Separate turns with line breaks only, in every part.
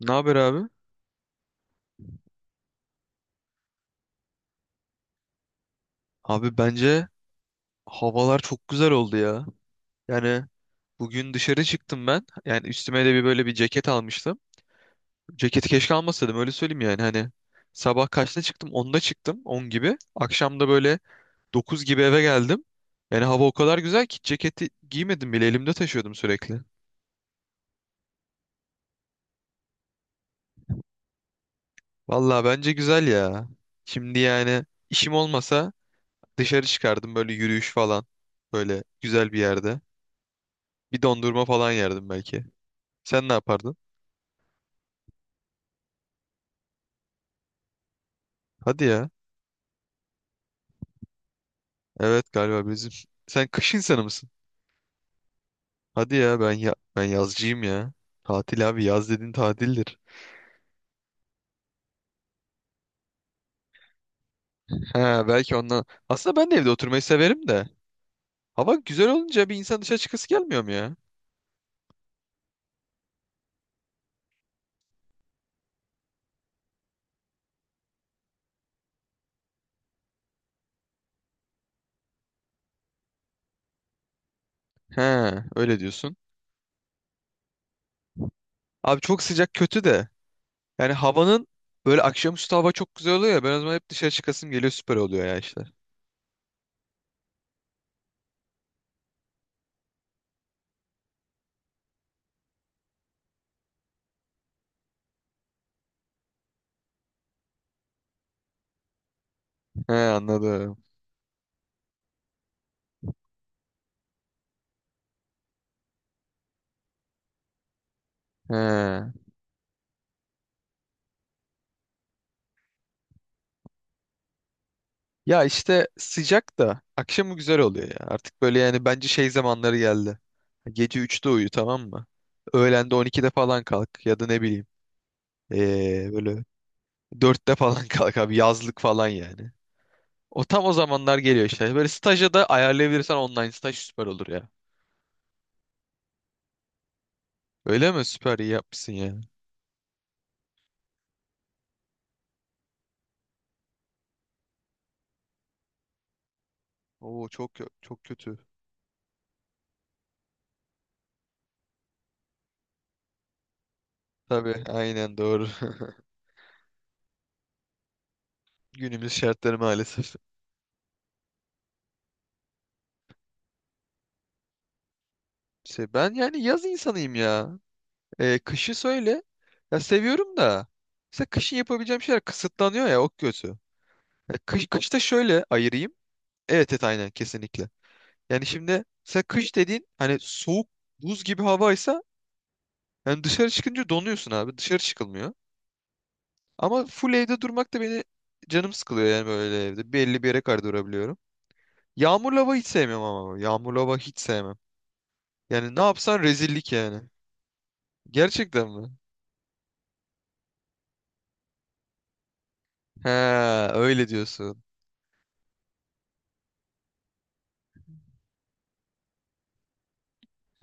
Ne haber abi? Abi bence havalar çok güzel oldu ya. Yani bugün dışarı çıktım ben. Yani üstüme de bir böyle bir ceket almıştım. Ceketi keşke almasaydım öyle söyleyeyim yani hani. Sabah kaçta çıktım? 10'da çıktım. On gibi. Akşam da böyle 9 gibi eve geldim. Yani hava o kadar güzel ki ceketi giymedim bile elimde taşıyordum sürekli. Vallahi bence güzel ya. Şimdi yani işim olmasa dışarı çıkardım böyle yürüyüş falan. Böyle güzel bir yerde. Bir dondurma falan yerdim belki. Sen ne yapardın? Hadi ya. Evet galiba bizim. Sen kış insanı mısın? Hadi ya ben ya ben yazcıyım ya. Tatil abi yaz dediğin tatildir. Ha belki ondan. Aslında ben de evde oturmayı severim de. Hava güzel olunca bir insan dışarı çıkası gelmiyor mu ya? Ha öyle diyorsun. Abi çok sıcak kötü de. Yani havanın böyle akşamüstü hava çok güzel oluyor ya. Ben o zaman hep dışarı çıkasım geliyor süper oluyor ya işte. He anladım. He. Ya işte sıcak da akşamı güzel oluyor ya. Artık böyle yani bence şey zamanları geldi. Gece üçte uyu tamam mı? Öğlende 12'de falan kalk ya da ne bileyim. Böyle dörtte falan kalk abi yazlık falan yani. O tam o zamanlar geliyor işte. Böyle staja da ayarlayabilirsen online staj süper olur ya. Öyle mi? Süper iyi yapmışsın ya. Oo çok çok kötü. Tabii aynen doğru. Günümüz şartları maalesef. Şey, ben yani yaz insanıyım ya. E, kışı söyle. Ya seviyorum da. Mesela kışın yapabileceğim şeyler kısıtlanıyor ya o kötü. Ya kış, kışta şöyle ayırayım. Evet, evet, aynen, kesinlikle. Yani şimdi mesela kış dediğin hani soğuk buz gibi havaysa yani dışarı çıkınca donuyorsun abi. Dışarı çıkılmıyor. Ama full evde durmak da beni canım sıkılıyor yani böyle evde. Belli bir yere kadar durabiliyorum. Yağmurlu hava hiç sevmiyorum ama. Yağmurlu hava hiç sevmem. Yani ne yapsan rezillik yani. Gerçekten mi? He öyle diyorsun.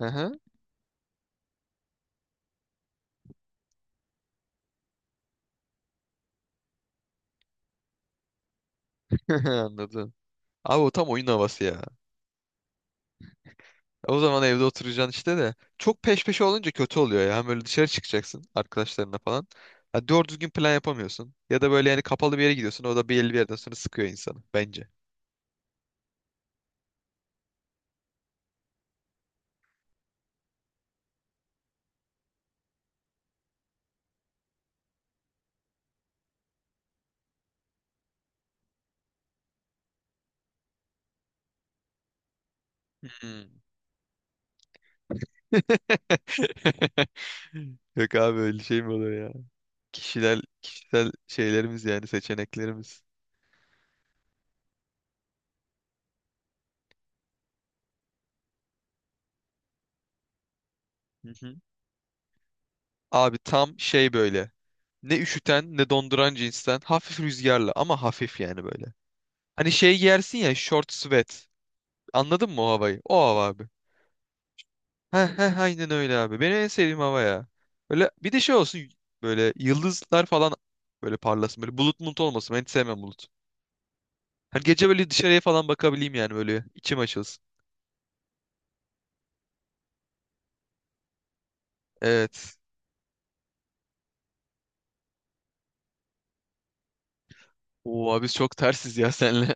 Hı hı. Anladım. Abi o tam oyun havası ya. O zaman evde oturacaksın işte de. Çok peş peşe olunca kötü oluyor ya. Hem böyle dışarı çıkacaksın arkadaşlarına falan. Ha, doğru düzgün plan yapamıyorsun. Ya da böyle yani kapalı bir yere gidiyorsun. O da belli bir yerden sonra sıkıyor insanı bence. Hmm. Yok abi öyle şey mi olur ya? Kişisel şeylerimiz yani seçeneklerimiz. Hı hı. Abi tam şey böyle. Ne üşüten ne donduran cinsten. Hafif rüzgarlı ama hafif yani böyle. Hani şey giyersin ya short sweat. Anladın mı o havayı? O hava abi. Heh heh aynen öyle abi. Benim en sevdiğim hava ya. Böyle bir de şey olsun böyle yıldızlar falan böyle parlasın. Böyle bulut bulut olmasın. Ben hiç sevmem bulut. Hani gece böyle dışarıya falan bakabileyim yani böyle içim açılsın. Evet. Oo abi biz çok tersiz ya senle.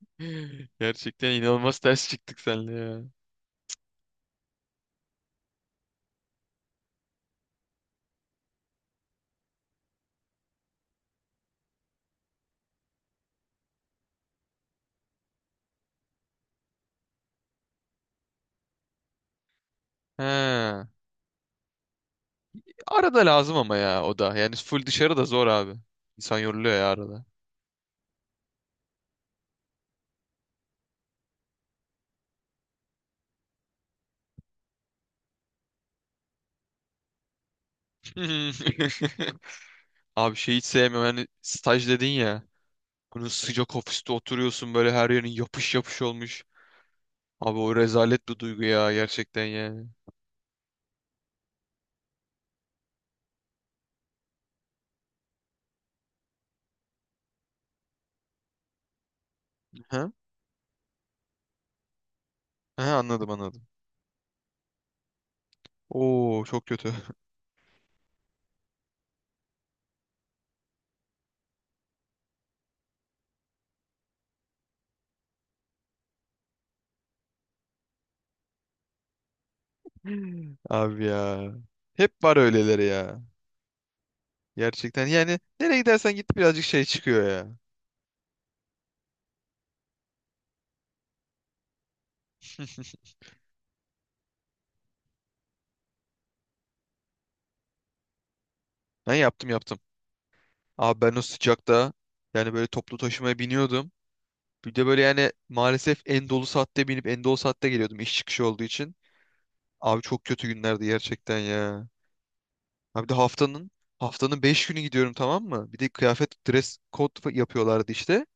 Gerçekten inanılmaz ters çıktık senle ya. He. Arada lazım ama ya o da. Yani full dışarı da zor abi. İnsan yoruluyor ya arada. Abi şey hiç sevmiyorum. Yani staj dedin ya. Bunun sıcak ofiste oturuyorsun böyle her yerin yapış yapış olmuş. Abi o rezalet bir duygu ya gerçekten yani. Ha? Ha, anladım, anladım. Oo çok kötü. Abi ya. Hep var öyleleri ya. Gerçekten yani nereye gidersen git birazcık şey çıkıyor ya. Ben yaptım, yaptım. Abi ben o sıcakta yani böyle toplu taşımaya biniyordum. Bir de böyle yani maalesef en dolu saatte binip en dolu saatte geliyordum iş çıkışı olduğu için. Abi çok kötü günlerdi gerçekten ya. Abi bir de haftanın 5 günü gidiyorum tamam mı? Bir de kıyafet dress code yapıyorlardı işte.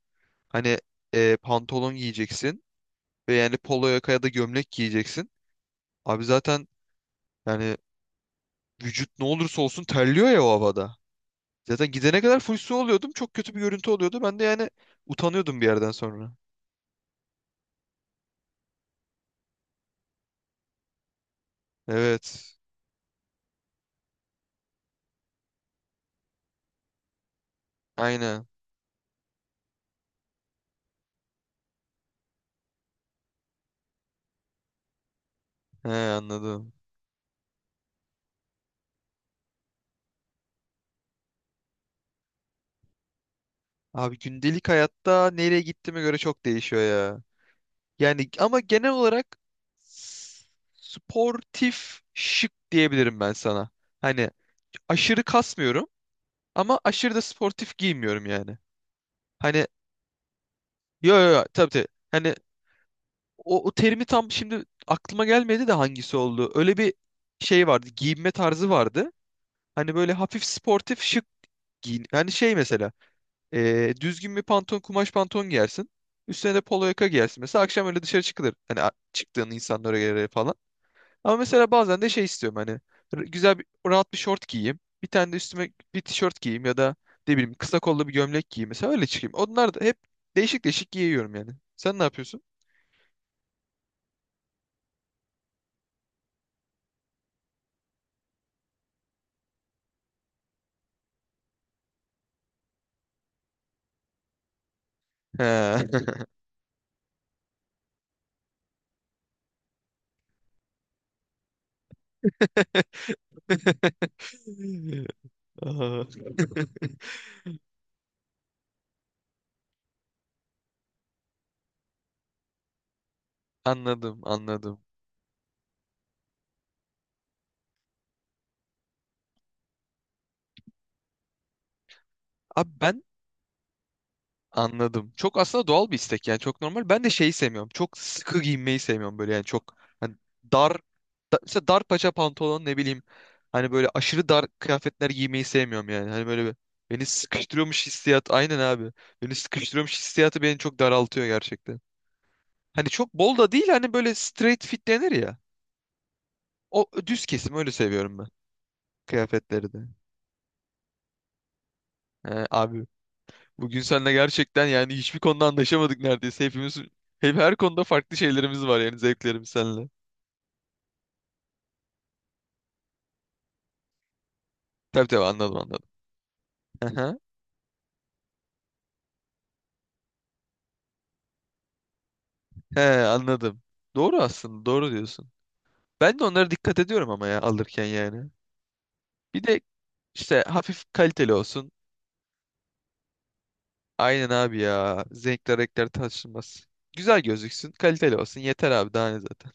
Hani pantolon giyeceksin ve yani polo yaka ya da gömlek giyeceksin. Abi zaten yani vücut ne olursa olsun terliyor ya o havada. Zaten gidene kadar full su oluyordum. Çok kötü bir görüntü oluyordu. Ben de yani utanıyordum bir yerden sonra. Evet. Aynen. He anladım. Abi gündelik hayatta nereye gittiğime göre çok değişiyor ya. Yani ama genel olarak s- sportif şık diyebilirim ben sana. Hani aşırı kasmıyorum ama aşırı da sportif giymiyorum yani. Hani yo, yo, yo, tabii, tabii. Hani o terimi tam şimdi aklıma gelmedi de hangisi oldu. Öyle bir şey vardı. Giyinme tarzı vardı. Hani böyle hafif sportif şık giyin. Hani şey mesela. Düzgün bir pantolon, kumaş pantolon giyersin. Üstüne de polo yaka giyersin. Mesela akşam öyle dışarı çıkılır. Hani çıktığın insanlara göre falan. Ama mesela bazen de şey istiyorum hani güzel bir rahat bir şort giyeyim. Bir tane de üstüme bir tişört giyeyim ya da ne bileyim kısa kollu bir gömlek giyeyim. Mesela öyle çıkayım. Onlar da hep değişik değişik giyiyorum yani. Sen ne yapıyorsun? He. Aa. Anladım, anladım. Abi ben anladım. Çok aslında doğal bir istek yani çok normal. Ben de şeyi sevmiyorum. Çok sıkı giyinmeyi sevmiyorum böyle yani çok hani dar mesela dar paça pantolon ne bileyim hani böyle aşırı dar kıyafetler giymeyi sevmiyorum yani. Hani böyle beni sıkıştırıyormuş hissiyat aynen abi. Beni sıkıştırıyormuş hissiyatı beni çok daraltıyor gerçekten. Hani çok bol da değil hani böyle straight fit denir ya. O düz kesim öyle seviyorum ben kıyafetleri de. He, abi, bugün seninle gerçekten yani hiçbir konuda anlaşamadık neredeyse. Hepimiz hep her konuda farklı şeylerimiz var yani zevklerimiz seninle. Tabii, tabii, anladım, anladım. Aha. He anladım. Doğru, aslında doğru diyorsun. Ben de onlara dikkat ediyorum ama ya alırken yani. Bir de işte hafif kaliteli olsun. Aynen abi ya. Renkler, renkler tartışılmaz. Güzel gözüksün, kaliteli olsun. Yeter abi daha ne zaten.